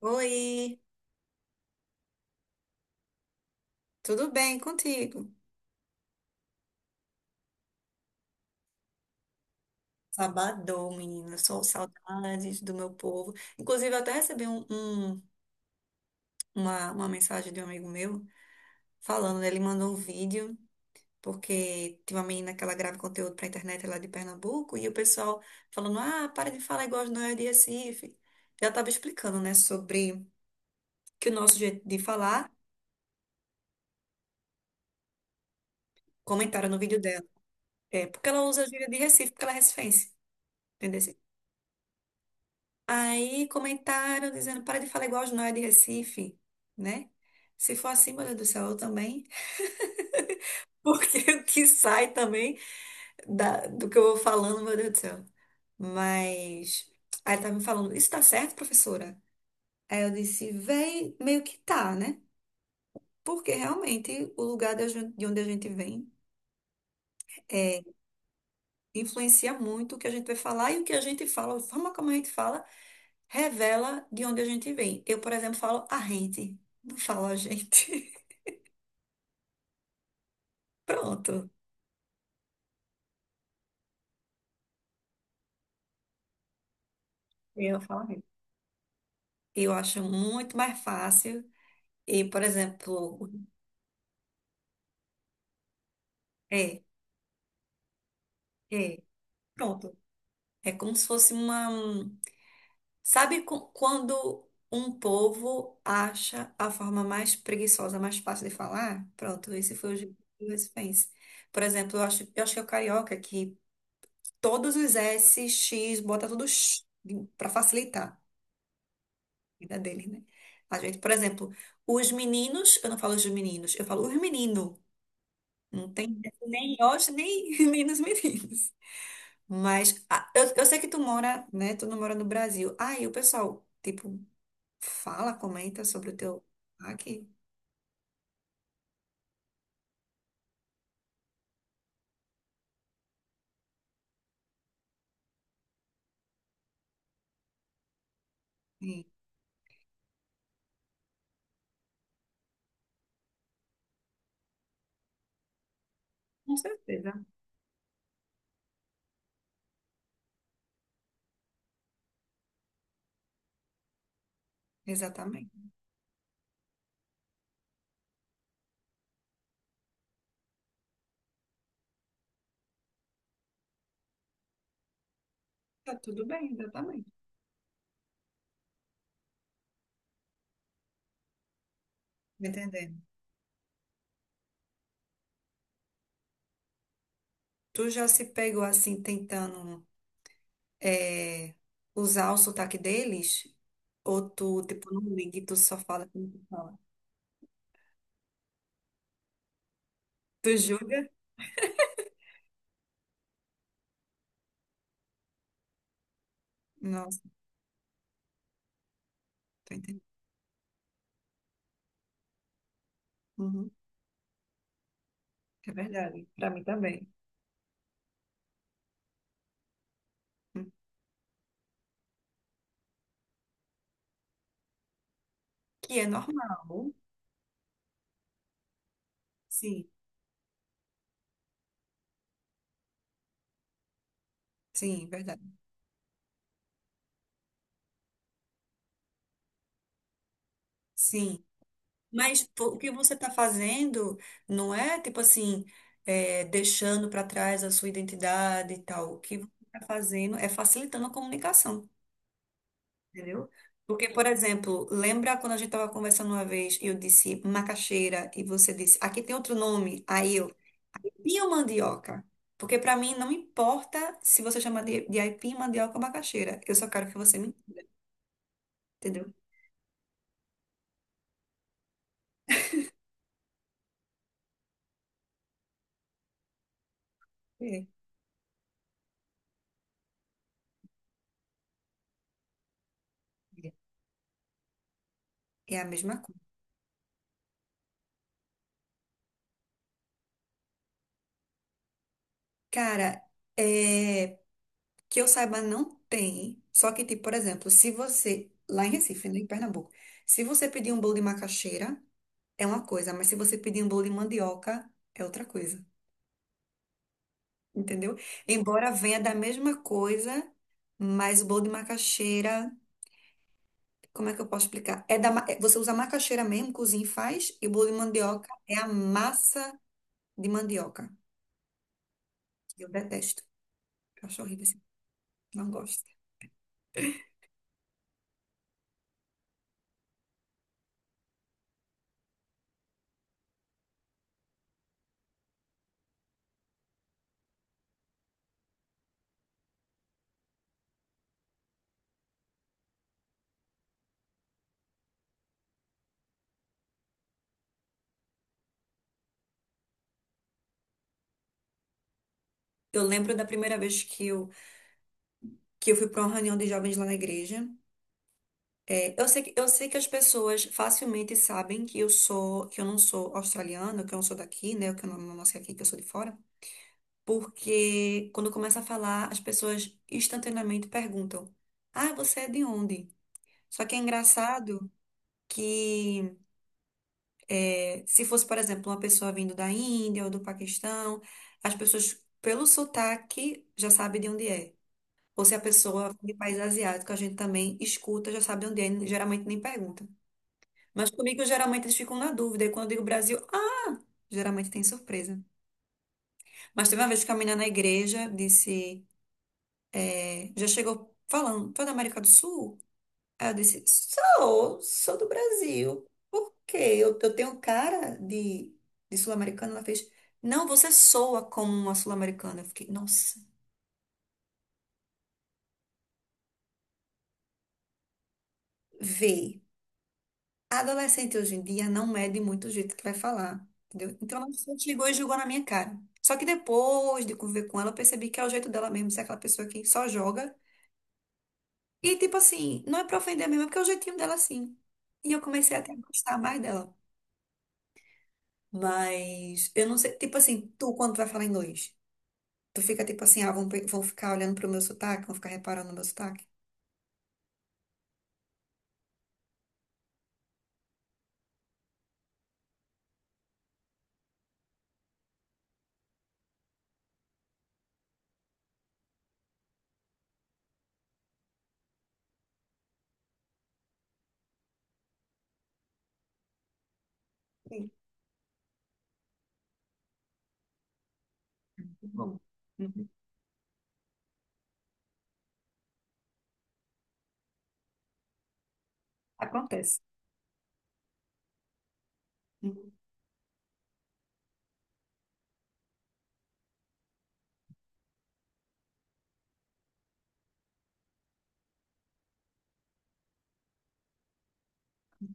Oi, tudo bem contigo? Sabadão, menina. Sou saudades do meu povo. Inclusive, eu até recebi uma mensagem de um amigo meu falando, né? Ele mandou um vídeo, porque tem uma menina que ela grava conteúdo pra internet lá de Pernambuco, e o pessoal falando: ah, para de falar igual as noias de Recife. Já tava explicando, né, sobre que o nosso jeito de falar, comentaram no vídeo dela. É porque ela usa a gíria de Recife, porque ela é recifense. Entendeu? Aí comentaram dizendo, para de falar igual os nóia de Recife, né? Se for assim, meu Deus do céu, eu também. Porque o que sai também do que eu vou falando, meu Deus do céu. Mas aí ela tava me falando, isso tá certo, professora? Aí eu disse, véi, meio que tá, né? Porque realmente o lugar de onde a gente vem é, influencia muito o que a gente vai falar e o que a gente fala, a forma como a gente fala, revela de onde a gente vem. Eu, por exemplo, falo a gente, não falo a gente. Pronto, eu falo isso. Eu acho muito mais fácil. E, por exemplo, é, é, pronto. É como se fosse uma. Quando um povo acha a forma mais preguiçosa, mais fácil de falar? Pronto, esse foi o jeito que o Recife. Por exemplo, eu acho que é o carioca que todos os S, X, bota tudo para facilitar a vida dele, né? A gente, por exemplo, os meninos, eu não falo os meninos, eu falo os meninos. Não tem ingresso nem em hoje, nem, nem nos meninos. Mas ah, eu sei que tu mora, né? Tu não mora no Brasil. Aí o pessoal, tipo, fala, comenta sobre o teu aqui. Sim, com certeza. Exatamente. Tá tudo bem, exatamente. Me entendendo. Tu já se pegou assim, tentando eh, usar o sotaque deles? Ou tu, tipo, não liga e tu só fala como tu fala? Tu julga? Nossa, tô entendendo. Uhum, é verdade. Pra mim também. Hum. Que é normal. Sim, sim, verdade. Sim. Mas pô, o que você está fazendo não é, tipo assim, é, deixando para trás a sua identidade e tal. O que você está fazendo é facilitando a comunicação, entendeu? Porque, por exemplo, lembra quando a gente estava conversando uma vez e eu disse macaxeira e você disse, aqui tem outro nome, aí eu, aipim ou mandioca? Porque para mim não importa se você chama de aipim, mandioca ou macaxeira. Eu só quero que você me entenda, entendeu? É, é, é a mesma coisa. Cara, é, que eu saiba, não tem. Só que, tipo, por exemplo, se você, lá em Recife, né, em Pernambuco, se você pedir um bolo de macaxeira, é uma coisa, mas se você pedir um bolo de mandioca, é outra coisa, entendeu? Embora venha da mesma coisa, mas o bolo de macaxeira, como é que eu posso explicar? Você usa a macaxeira mesmo, cozinha e faz, e o bolo de mandioca é a massa de mandioca. Eu detesto. Eu acho horrível, assim, não gosto. Eu lembro da primeira vez que eu fui para uma reunião de jovens lá na igreja. É, eu sei que as pessoas facilmente sabem que eu sou, que eu não sou australiana, que eu não sou daqui, né? Que eu não, não nasci aqui, que eu sou de fora. Porque quando começa a falar, as pessoas instantaneamente perguntam: ah, você é de onde? Só que é engraçado que é, se fosse, por exemplo, uma pessoa vindo da Índia ou do Paquistão, as pessoas, pelo sotaque, já sabem de onde é. Ou se a pessoa é de país asiático, a gente também escuta, já sabe onde é, geralmente nem pergunta. Mas comigo, geralmente, eles ficam na dúvida. E quando eu digo Brasil, ah, geralmente tem surpresa. Mas teve uma vez que a menina na igreja disse, é, já chegou falando, foi da América do Sul? Aí eu disse, sou, sou do Brasil. Por quê? Eu, tenho cara de sul-americana? Ela fez, não, você soa como uma sul-americana. Eu fiquei, nossa, vê. A adolescente hoje em dia não mede muito o jeito que vai falar, entendeu? Então ela só chegou e jogou na minha cara. Só que depois de conviver com ela, eu percebi que é o jeito dela mesmo, ser aquela pessoa que só joga. E tipo assim, não é pra ofender mesmo, é porque é o jeitinho dela assim. E eu comecei até a gostar mais dela. Mas eu não sei, tipo assim, tu quando tu vai falar inglês, tu fica tipo assim, ah, vão ficar olhando pro meu sotaque, vão ficar reparando no meu sotaque. Sim. Bom, uhum. Acontece. Uhum.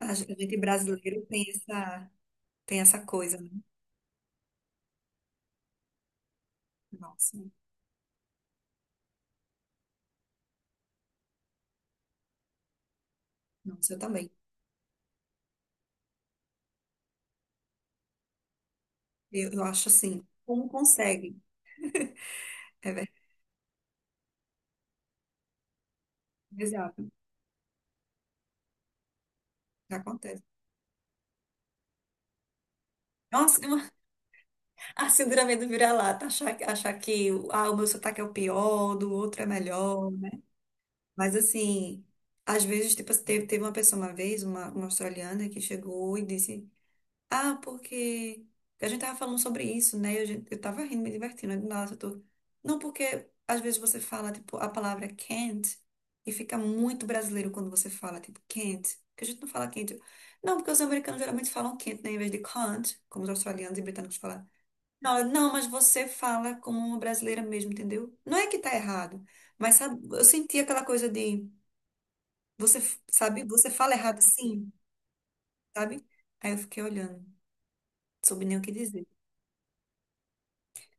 A gente brasileiro tem essa coisa, né? Nossa. Nossa, eu também. Eu acho assim, como consegue? É verdade. Exato. Acontece. Nossa, é uma, a síndrome do vira-lata, achar, achar que ah, o meu sotaque é o pior, do outro é melhor, né? Mas assim, às vezes, tipo, teve uma pessoa uma vez, uma australiana, que chegou e disse. Ah, porque a gente tava falando sobre isso, né? Eu, eu tava rindo, me divertindo. Aí do eu tô... Não, porque às vezes você fala, tipo, a palavra can't e fica muito brasileiro quando você fala, tipo, can't. Porque a gente não fala can't. Não, porque os americanos geralmente falam can't, né? Em vez de can't, como os australianos e britânicos falam. Não, não, mas você fala como uma brasileira mesmo, entendeu? Não é que tá errado, mas sabe, eu senti aquela coisa de você, sabe, você fala errado sim, sabe? Aí eu fiquei olhando, não soube nem o que dizer.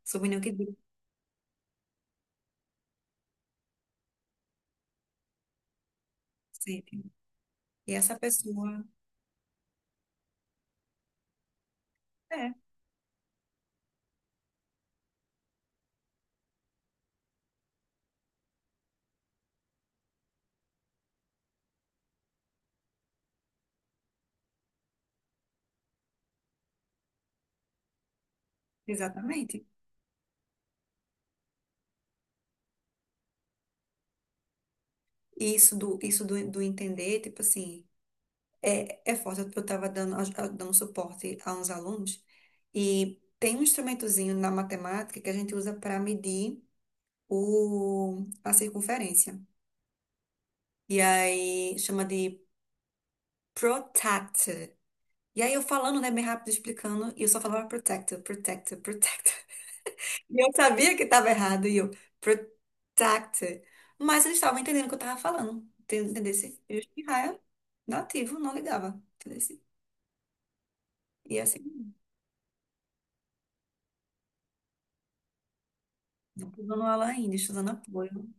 Sobrenome que dura sempre. E essa pessoa, é, exatamente. E isso do entender, tipo assim, é, é forte. Eu estava dando, dando suporte a uns alunos e tem um instrumentozinho na matemática que a gente usa para medir o, a circunferência. E aí chama de protractor. E aí eu falando, né, bem rápido, explicando, e eu só falava protector, protector, protector. E eu sabia que estava errado, e eu, protected. Mas eles estavam entendendo o que eu estava falando. Entendesse? E o nativo, não ligava. Entendesse? E assim, não estou dando aula ainda, estou dando apoio.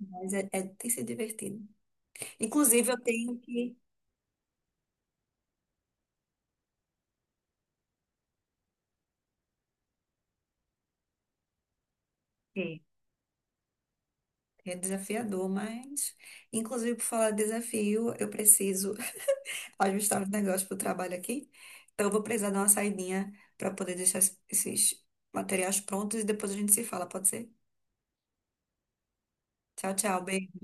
Mas é, tem sido divertido. Inclusive, eu tenho que. É, é desafiador, mas. Inclusive, por falar de desafio, eu preciso ajustar os negócios para o trabalho aqui. Então, eu vou precisar dar uma saidinha para poder deixar esses materiais prontos e depois a gente se fala, pode ser? Tchau, tchau. Beijo.